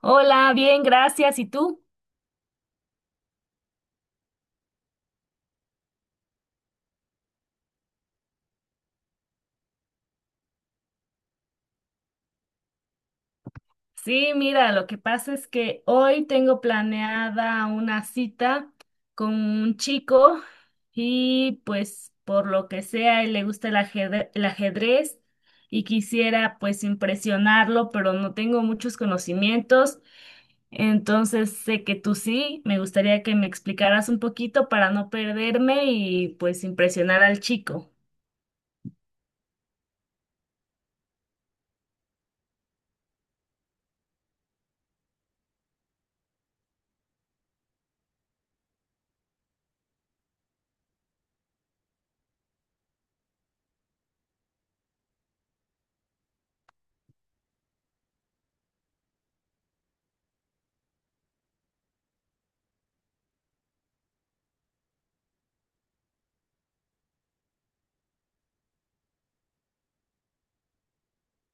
Hola, bien, gracias. ¿Y tú? Sí, mira, lo que pasa es que hoy tengo planeada una cita con un chico y pues por lo que sea, él le gusta el ajedrez y quisiera pues impresionarlo, pero no tengo muchos conocimientos, entonces sé que tú sí, me gustaría que me explicaras un poquito para no perderme y pues impresionar al chico.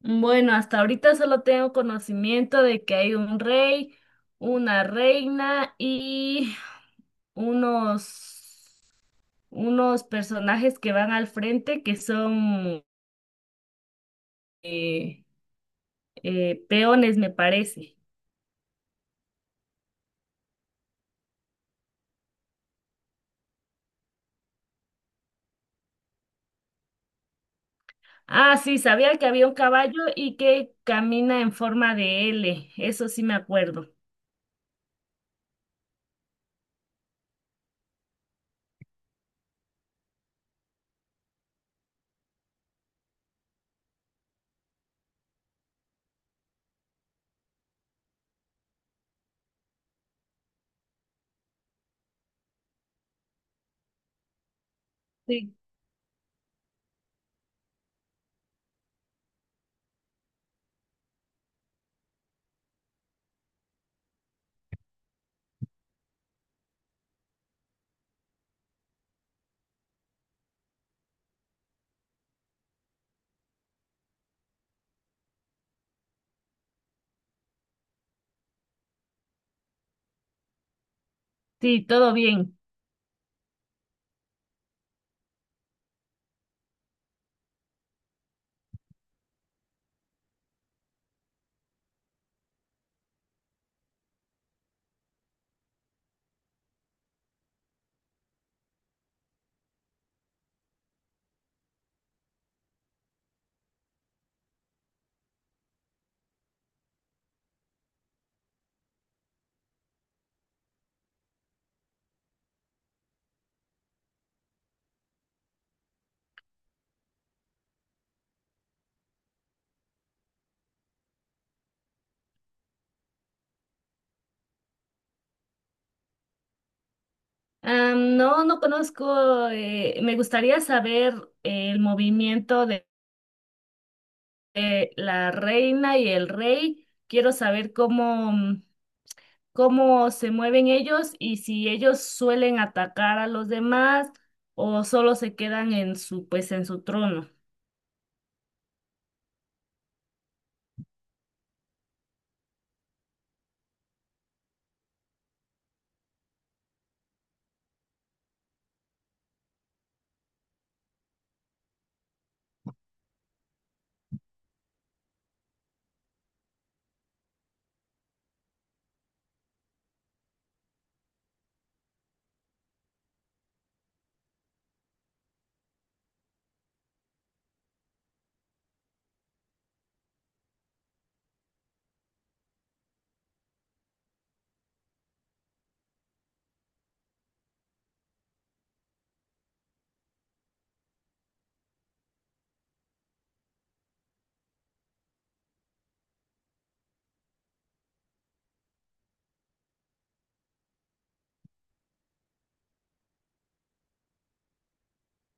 Bueno, hasta ahorita solo tengo conocimiento de que hay un rey, una reina y unos, unos personajes que van al frente que son eh, peones, me parece. Ah, sí, sabía que había un caballo y que camina en forma de L, eso sí me acuerdo. Sí, sí, todo bien. Ah, no, no conozco, me gustaría saber el movimiento de la reina y el rey. Quiero saber cómo, cómo se mueven ellos y si ellos suelen atacar a los demás o solo se quedan en su, pues, en su trono.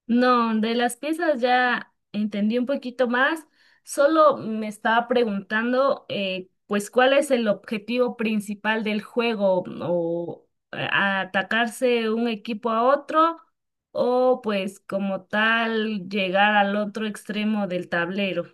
No, de las piezas ya entendí un poquito más. Solo me estaba preguntando, pues, ¿cuál es el objetivo principal del juego? ¿O atacarse un equipo a otro? ¿O pues como tal llegar al otro extremo del tablero?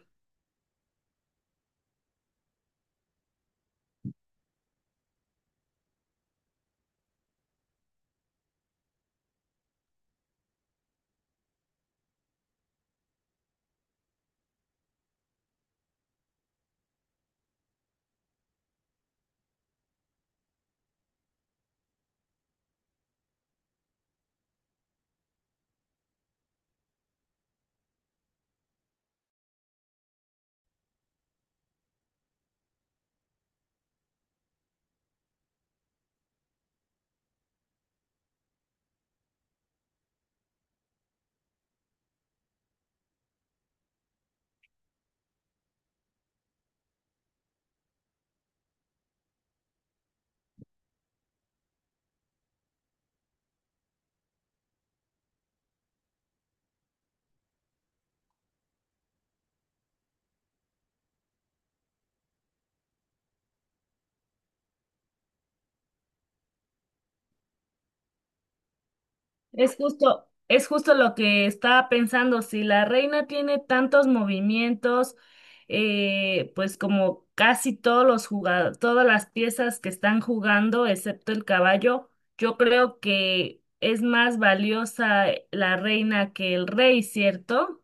Es justo lo que estaba pensando. Si la reina tiene tantos movimientos, pues como casi todos los jugadores, todas las piezas que están jugando, excepto el caballo, yo creo que es más valiosa la reina que el rey, ¿cierto?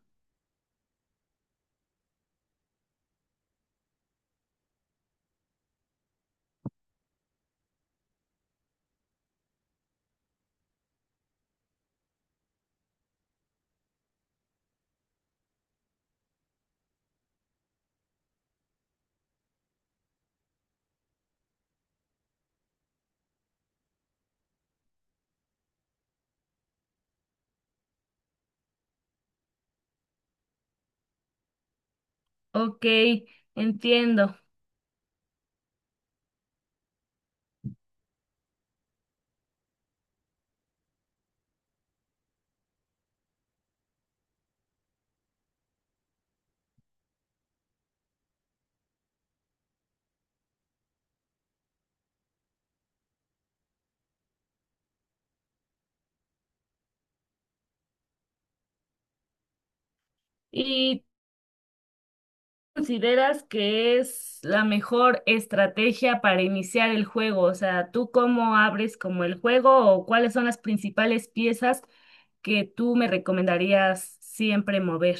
Ok, entiendo. ¿Y consideras que es la mejor estrategia para iniciar el juego? O sea, ¿tú cómo abres como el juego o cuáles son las principales piezas que tú me recomendarías siempre mover?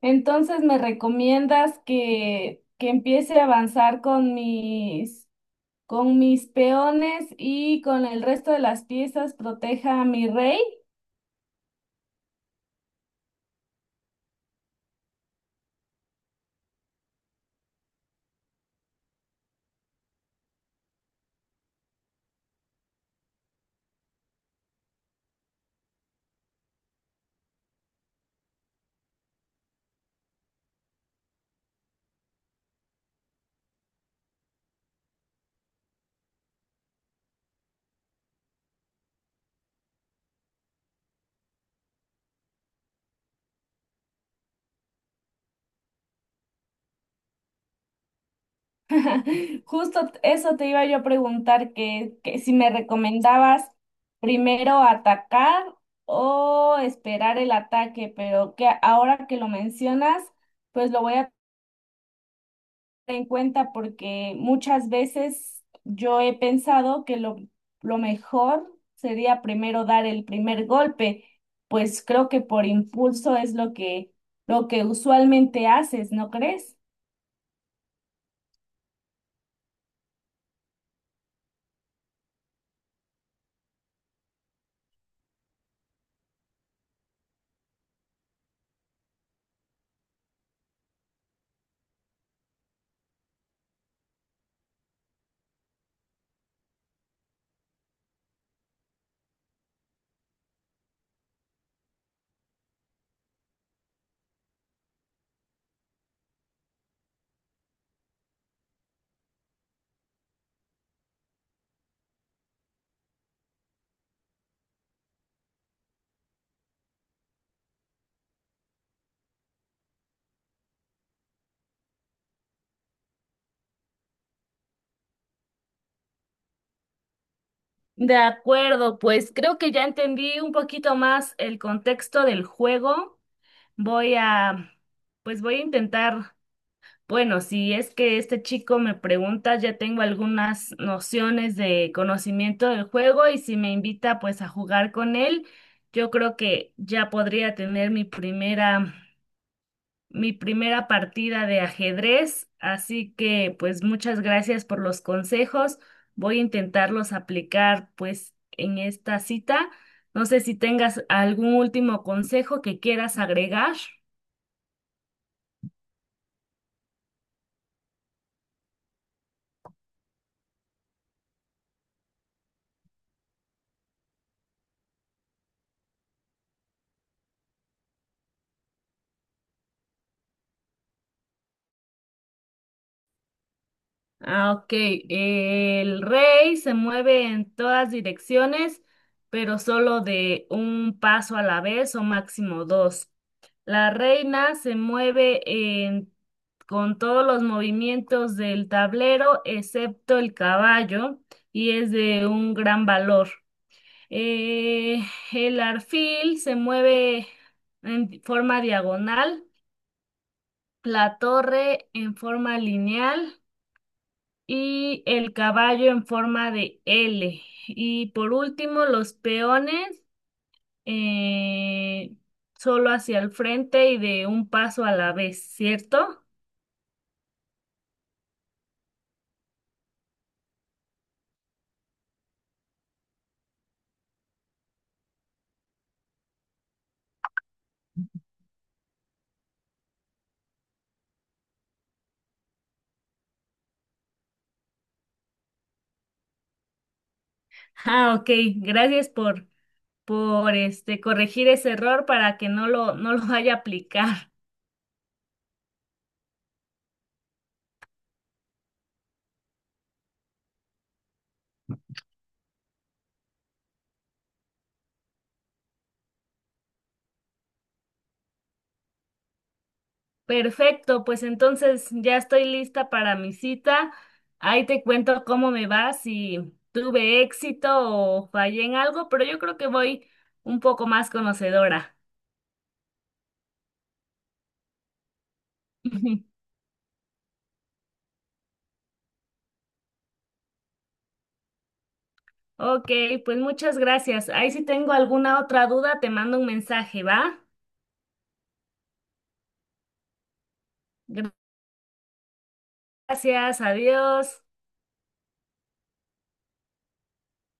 Entonces, ¿me recomiendas que, empiece a avanzar con mis peones y con el resto de las piezas proteja a mi rey? Justo eso te iba yo a preguntar, que si me recomendabas primero atacar o esperar el ataque, pero que ahora que lo mencionas, pues lo voy a tener en cuenta porque muchas veces yo he pensado que lo mejor sería primero dar el primer golpe, pues creo que por impulso es lo que usualmente haces, ¿no crees? De acuerdo, pues creo que ya entendí un poquito más el contexto del juego. Voy a, pues voy a intentar, bueno, si es que este chico me pregunta, ya tengo algunas nociones de conocimiento del juego y si me invita pues a jugar con él, yo creo que ya podría tener mi primera partida de ajedrez, así que pues muchas gracias por los consejos. Voy a intentarlos aplicar pues en esta cita. No sé si tengas algún último consejo que quieras agregar. Ah, ok. El rey se mueve en todas direcciones, pero solo de un paso a la vez o máximo dos. La reina se mueve en- Con todos los movimientos del tablero, excepto el caballo, y es de un gran valor. Eh, el arfil se mueve en forma diagonal, la torre en forma lineal y el caballo en forma de L. Y por último, los peones eh, solo hacia el frente y de un paso a la vez, ¿cierto? Ah, ok, gracias por este, corregir ese error para que no lo vaya a aplicar. Perfecto, pues entonces ya estoy lista para mi cita. Ahí te cuento cómo me va, si tuve éxito o fallé en algo, pero yo creo que voy un poco más conocedora. Ujú. Ok, pues muchas gracias. Ahí si tengo alguna otra duda, te mando un mensaje, ¿va? Gracias, adiós.